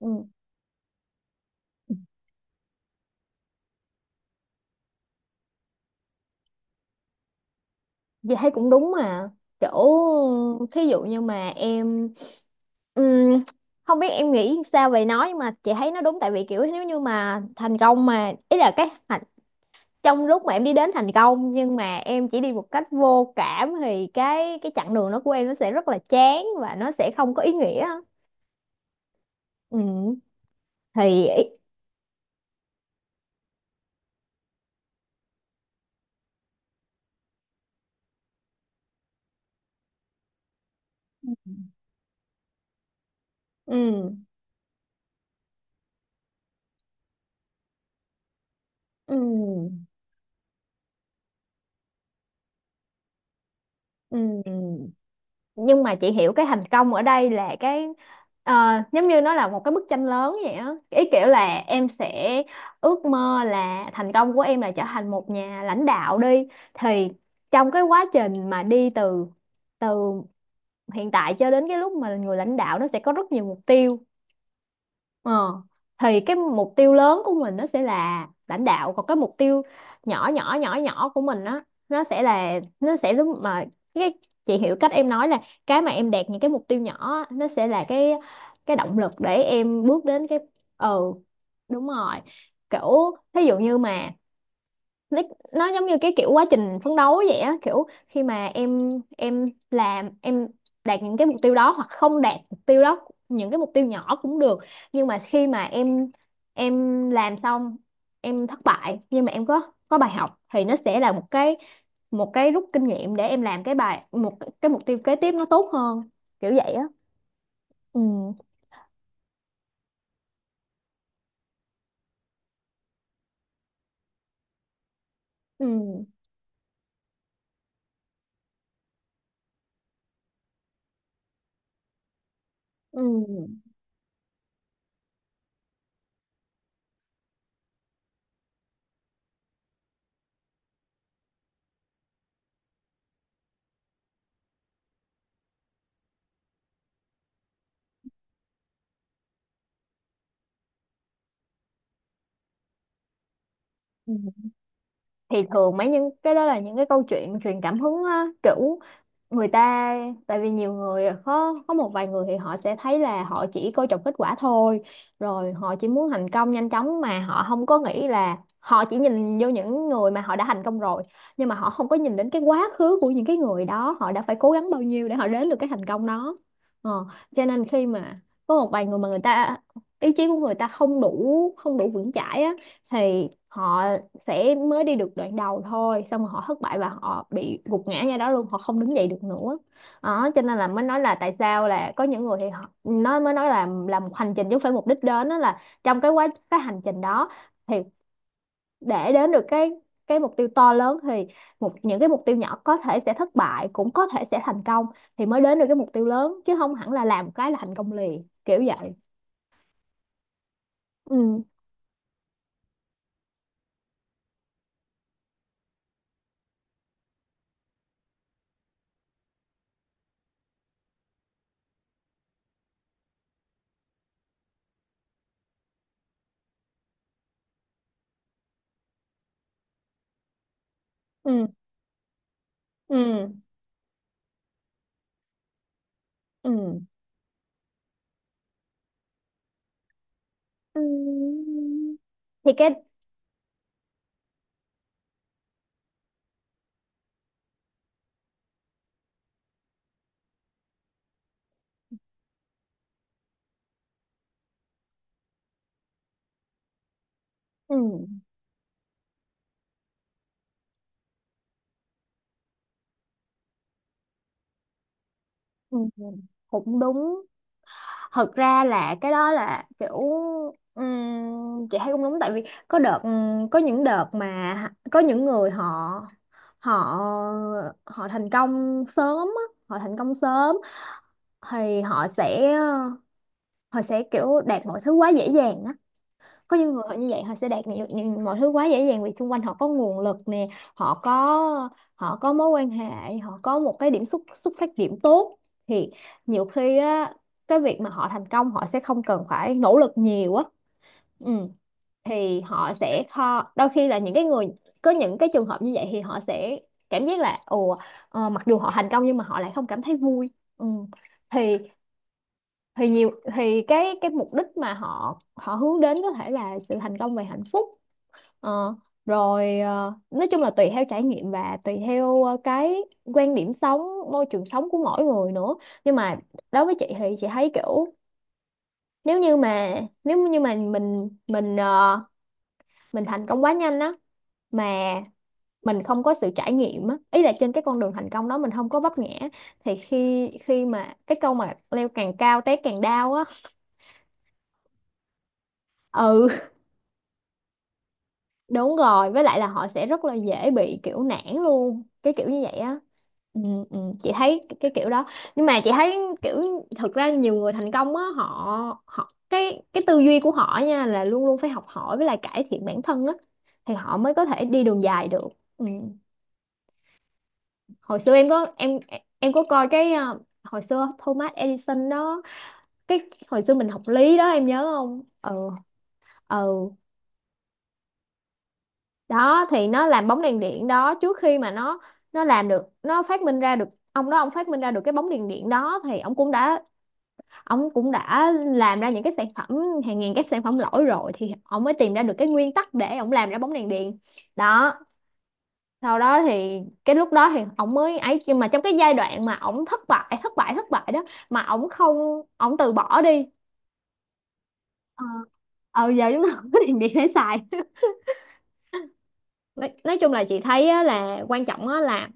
Ừ, Dì thấy cũng đúng mà, kiểu thí dụ như mà em ừm, không biết em nghĩ sao về nó, nhưng mà chị thấy nó đúng tại vì kiểu nếu như mà thành công mà ý là trong lúc mà em đi đến thành công nhưng mà em chỉ đi một cách vô cảm thì cái chặng đường đó của em nó sẽ rất là chán và nó sẽ không có ý nghĩa. ừ thì ý- ừ ừ ừ nhưng mà chị hiểu cái thành công ở đây là ờ, giống như nó là một cái bức tranh lớn vậy á, ý kiểu là em sẽ ước mơ là thành công của em là trở thành một nhà lãnh đạo đi, thì trong cái quá trình mà đi từ từ hiện tại cho đến cái lúc mà là người lãnh đạo nó sẽ có rất nhiều mục tiêu. Ờ. Thì cái mục tiêu lớn của mình nó sẽ là lãnh đạo, còn cái mục tiêu nhỏ nhỏ nhỏ nhỏ của mình á nó sẽ là, nó sẽ giống mà cái, chị hiểu cách em nói là cái mà em đạt những cái mục tiêu nhỏ á, nó sẽ là cái động lực để em bước đến cái. Ừ, đúng rồi, kiểu thí dụ như mà nó nó giống như cái kiểu quá trình phấn đấu vậy á, kiểu khi mà em làm, em đạt những cái mục tiêu đó hoặc không đạt mục tiêu đó, những cái mục tiêu nhỏ cũng được, nhưng mà khi mà em làm xong, em thất bại nhưng mà em có bài học thì nó sẽ là một cái, một cái rút kinh nghiệm để em làm cái bài một cái mục tiêu kế tiếp nó tốt hơn, kiểu vậy á. ừ ừ ừ ừ thì thường mấy những cái đó là những cái câu chuyện truyền cảm hứng á, kiểu người ta, tại vì nhiều người có một vài người thì họ sẽ thấy là họ chỉ coi trọng kết quả thôi, rồi họ chỉ muốn thành công nhanh chóng mà họ không có nghĩ, là họ chỉ nhìn vô những người mà họ đã thành công rồi nhưng mà họ không có nhìn đến cái quá khứ của những cái người đó họ đã phải cố gắng bao nhiêu để họ đến được cái thành công đó. ờ, cho nên khi mà có một vài người mà người ta, ý chí của người ta không đủ vững chãi á, thì họ sẽ mới đi được đoạn đầu thôi, xong rồi họ thất bại và họ bị gục ngã ra đó luôn, họ không đứng dậy được nữa. Đó cho nên là mới nói là tại sao là có những người thì họ, nó mới nói là làm một hành trình chứ không phải mục đích đến, đó là trong cái hành trình đó thì để đến được cái mục tiêu to lớn thì một những cái mục tiêu nhỏ có thể sẽ thất bại, cũng có thể sẽ thành công, thì mới đến được cái mục tiêu lớn chứ không hẳn là làm một cái là thành công liền, kiểu vậy. ừ ừ ừ ừ Ừ. Thì cái, ừ. Ừ, cũng đúng, thật ra là cái đó là kiểu chị thấy cũng đúng tại vì có đợt có những đợt mà có những người họ, họ họ thành công sớm á, họ thành công sớm thì họ sẽ kiểu đạt mọi thứ quá dễ dàng á, có những người họ như vậy họ sẽ đạt nhiều, nhiều mọi thứ quá dễ dàng vì xung quanh họ có nguồn lực nè, họ có họ có mối quan hệ, họ có một cái điểm xuất xuất phát điểm tốt, thì nhiều khi á cái việc mà họ thành công họ sẽ không cần phải nỗ lực nhiều á. Ừ. Thì họ sẽ kho đôi khi là những cái người có những cái trường hợp như vậy thì họ sẽ cảm giác là ồ, mặc dù họ thành công nhưng mà họ lại không cảm thấy vui. Ừ. thì thì cái mục đích mà họ họ hướng đến có thể là sự thành công về hạnh phúc. Ờ, Rồi nói chung là tùy theo trải nghiệm và tùy theo cái quan điểm sống, môi trường sống của mỗi người nữa. Nhưng mà đối với chị thì chị thấy kiểu, nếu như mà nếu như mà mình thành công quá nhanh á mà mình không có sự trải nghiệm á, ý là trên cái con đường thành công đó mình không có vấp ngã, thì khi khi mà cái câu mà leo càng cao té càng đau á. Ừ, đúng rồi, với lại là họ sẽ rất là dễ bị kiểu nản luôn, cái kiểu như vậy á. Ừ, ừ, chị thấy cái kiểu đó. Nhưng mà chị thấy kiểu thực ra nhiều người thành công á, họ họ cái tư duy của họ nha là luôn luôn phải học hỏi với lại cải thiện bản thân á, thì họ mới có thể đi đường dài được. Ừ. Hồi xưa em có coi cái hồi xưa Thomas Edison đó, cái hồi xưa mình học lý đó em nhớ không. Ừ, ừ, đó thì nó làm bóng đèn điện đó, trước khi mà nó làm được, nó phát minh ra được, ông đó ông phát minh ra được cái bóng đèn điện đó thì ông cũng đã làm ra những cái sản phẩm, hàng ngàn cái sản phẩm lỗi rồi thì ông mới tìm ra được cái nguyên tắc để ông làm ra bóng đèn điện. Đó, sau đó thì cái lúc đó thì ông mới ấy, nhưng mà trong cái giai đoạn mà ông thất bại thất bại thất bại đó mà ông không ông từ bỏ đi. ờ Giờ chúng ta không có đèn điện để xài. Nói chung là chị thấy á, là quan trọng á, là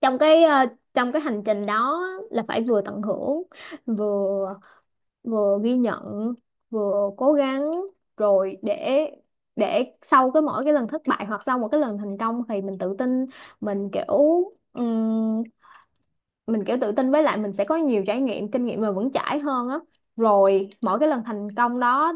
trong cái trong cái hành trình đó là phải vừa tận hưởng, vừa vừa ghi nhận, vừa cố gắng, rồi để sau cái mỗi cái lần thất bại hoặc sau một cái lần thành công thì mình tự tin, mình kiểu ừm, mình kiểu tự tin với lại mình sẽ có nhiều trải nghiệm kinh nghiệm mà vững chãi hơn á. Rồi mỗi cái lần thành công đó,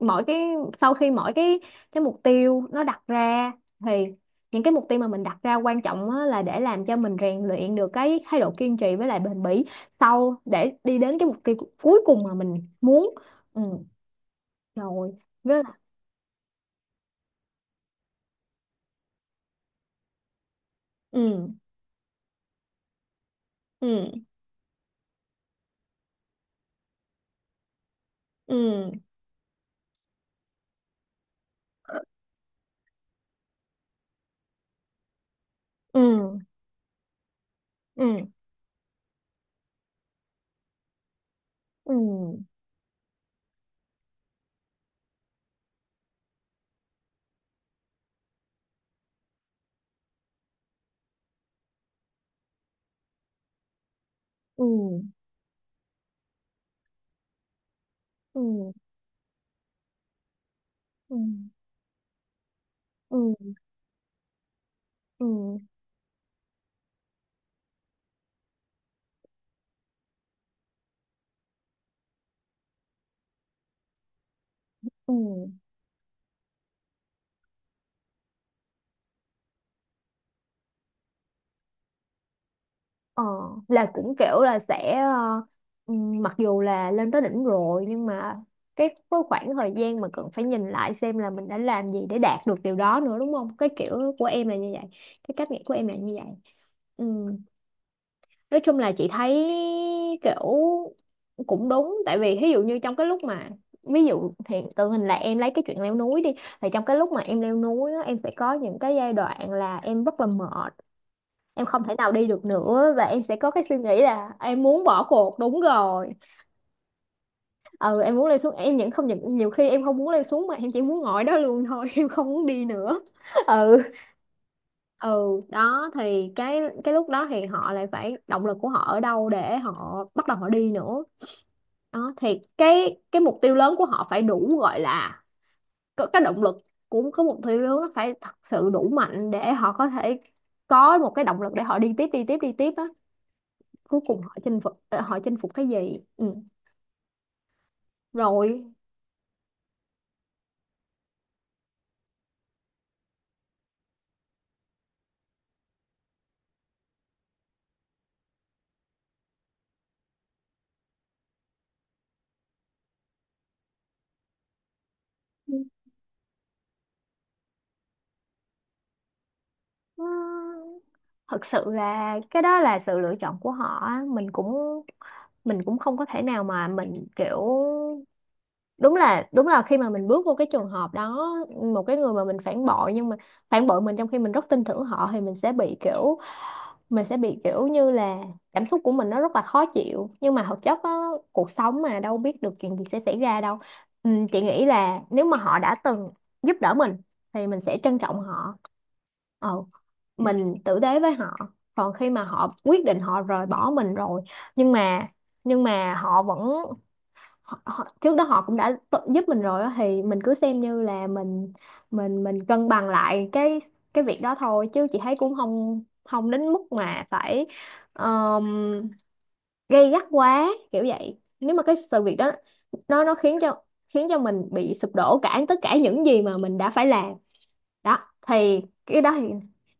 mỗi cái sau khi mỗi cái mục tiêu nó đặt ra thì những cái mục tiêu mà mình đặt ra quan trọng á, là để làm cho mình rèn luyện được cái thái độ kiên trì với lại bền bỉ, sau để đi đến cái mục tiêu cuối cùng mà mình muốn. Ừ, rồi với là. Ừ ừ ừ ừ ừ ừ ừ ừ ừ ừ ừ ừ ừ. Ờ, là cũng kiểu là sẽ mặc dù là lên tới đỉnh rồi nhưng mà cái khoảng thời gian mà cần phải nhìn lại xem là mình đã làm gì để đạt được điều đó nữa, đúng không? Cái kiểu của em là như vậy, cái cách nghĩ của em là như vậy. Ừm, Nói chung là chị thấy kiểu cũng đúng, tại vì ví dụ như trong cái lúc mà, ví dụ hiện tượng hình là em lấy cái chuyện leo núi đi, thì trong cái lúc mà em leo núi á, em sẽ có những cái giai đoạn là em rất là mệt, em không thể nào đi được nữa và em sẽ có cái suy nghĩ là em muốn bỏ cuộc. Đúng rồi, ừ, em muốn leo xuống em, những không những nhiều khi em không muốn leo xuống mà em chỉ muốn ngồi đó luôn thôi, em không muốn đi nữa. ừ ừ Đó thì cái lúc đó thì họ lại phải động lực của họ ở đâu để họ bắt đầu họ đi nữa. Đó thì cái mục tiêu lớn của họ phải đủ, gọi là có cái động lực, của có mục tiêu lớn nó phải thật sự đủ mạnh để họ có thể có một cái động lực để họ đi tiếp đi tiếp đi tiếp á, cuối cùng họ chinh phục họ chinh phục cái gì. Ừ. Rồi ừ, thật sự là cái đó là sự lựa chọn của họ á. Mình cũng không có thể nào mà mình kiểu đúng là khi mà mình bước vô cái trường hợp đó, một cái người mà mình phản bội nhưng mà phản bội mình trong khi mình rất tin tưởng họ thì mình sẽ bị kiểu mình sẽ bị kiểu như là cảm xúc của mình nó rất là khó chịu, nhưng mà thực chất á, cuộc sống mà đâu biết được chuyện gì sẽ xảy ra đâu. Ừ, chị nghĩ là nếu mà họ đã từng giúp đỡ mình thì mình sẽ trân trọng họ, ừ, mình tử tế với họ. Còn khi mà họ quyết định họ rời bỏ mình rồi, nhưng mà nhưng mà họ vẫn họ, trước đó họ cũng đã tự giúp mình rồi á, thì mình cứ xem như là mình cân bằng lại cái việc đó thôi, chứ chị thấy cũng không không đến mức mà phải ờm, gay gắt quá kiểu vậy. Nếu mà cái sự việc đó nó khiến cho mình bị sụp đổ cả tất cả những gì mà mình đã phải làm đó, thì cái đó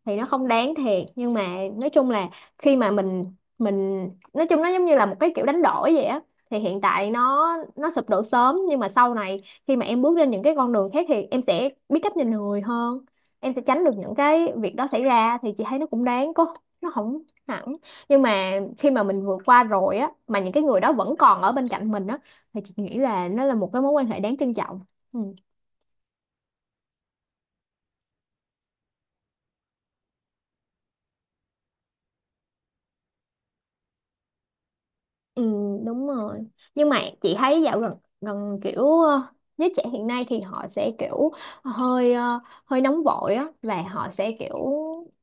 thì nó không đáng thiệt, nhưng mà nói chung là khi mà mình nói chung nó giống như là một cái kiểu đánh đổi vậy á. Thì hiện tại nó sụp đổ sớm nhưng mà sau này khi mà em bước lên những cái con đường khác thì em sẽ biết cách nhìn người hơn, em sẽ tránh được những cái việc đó xảy ra, thì chị thấy nó cũng đáng, có nó không hẳn. Nhưng mà khi mà mình vượt qua rồi á mà những cái người đó vẫn còn ở bên cạnh mình á, thì chị nghĩ là nó là một cái mối quan hệ đáng trân trọng. Ừ. Ừ, đúng rồi. Nhưng mà chị thấy dạo gần gần kiểu giới trẻ hiện nay thì họ sẽ kiểu hơi, hơi nóng vội á, và họ sẽ kiểu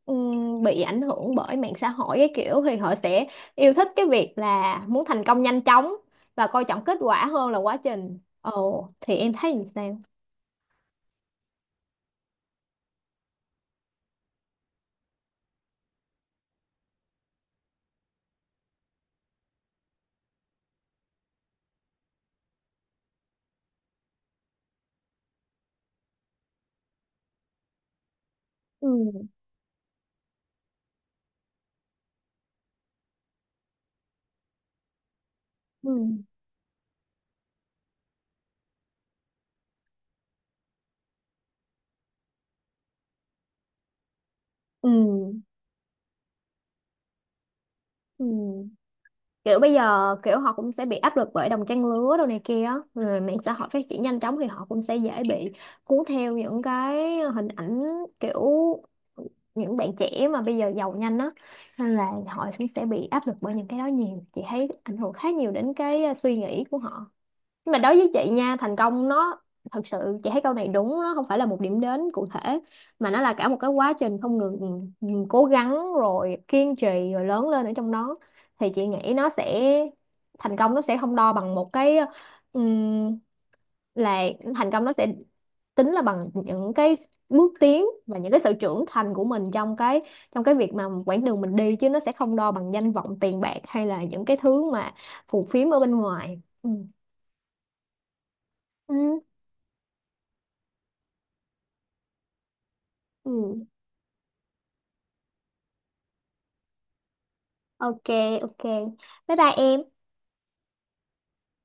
bị ảnh hưởng bởi mạng xã hội cái kiểu, thì họ sẽ yêu thích cái việc là muốn thành công nhanh chóng và coi trọng kết quả hơn là quá trình. Ồ, thì em thấy làm sao? Ừ, ừ, ừ, ừ. Kiểu bây giờ kiểu họ cũng sẽ bị áp lực bởi đồng trang lứa đồ này kia á, rồi mạng xã hội phát triển nhanh chóng thì họ cũng sẽ dễ bị cuốn theo những cái hình ảnh kiểu những bạn trẻ mà bây giờ giàu nhanh á, nên là họ cũng sẽ bị áp lực bởi những cái đó nhiều. Chị thấy ảnh hưởng khá nhiều đến cái, suy nghĩ của họ. Nhưng mà đối với chị nha, thành công nó, thật sự chị thấy câu này đúng, nó không phải là một điểm đến cụ thể mà nó là cả một cái quá trình không ngừng ngừng cố gắng rồi kiên trì rồi lớn lên ở trong đó. Thì chị nghĩ nó sẽ, thành công nó sẽ không đo bằng một cái ừm, là, thành công nó sẽ tính là bằng những cái bước tiến và những cái sự trưởng thành của mình trong trong cái việc mà quãng đường mình đi, chứ nó sẽ không đo bằng danh vọng tiền bạc hay là những cái thứ mà phù phiếm ở bên ngoài. Ừ. Ừ. Ừ. Ok, ok, bye bye em.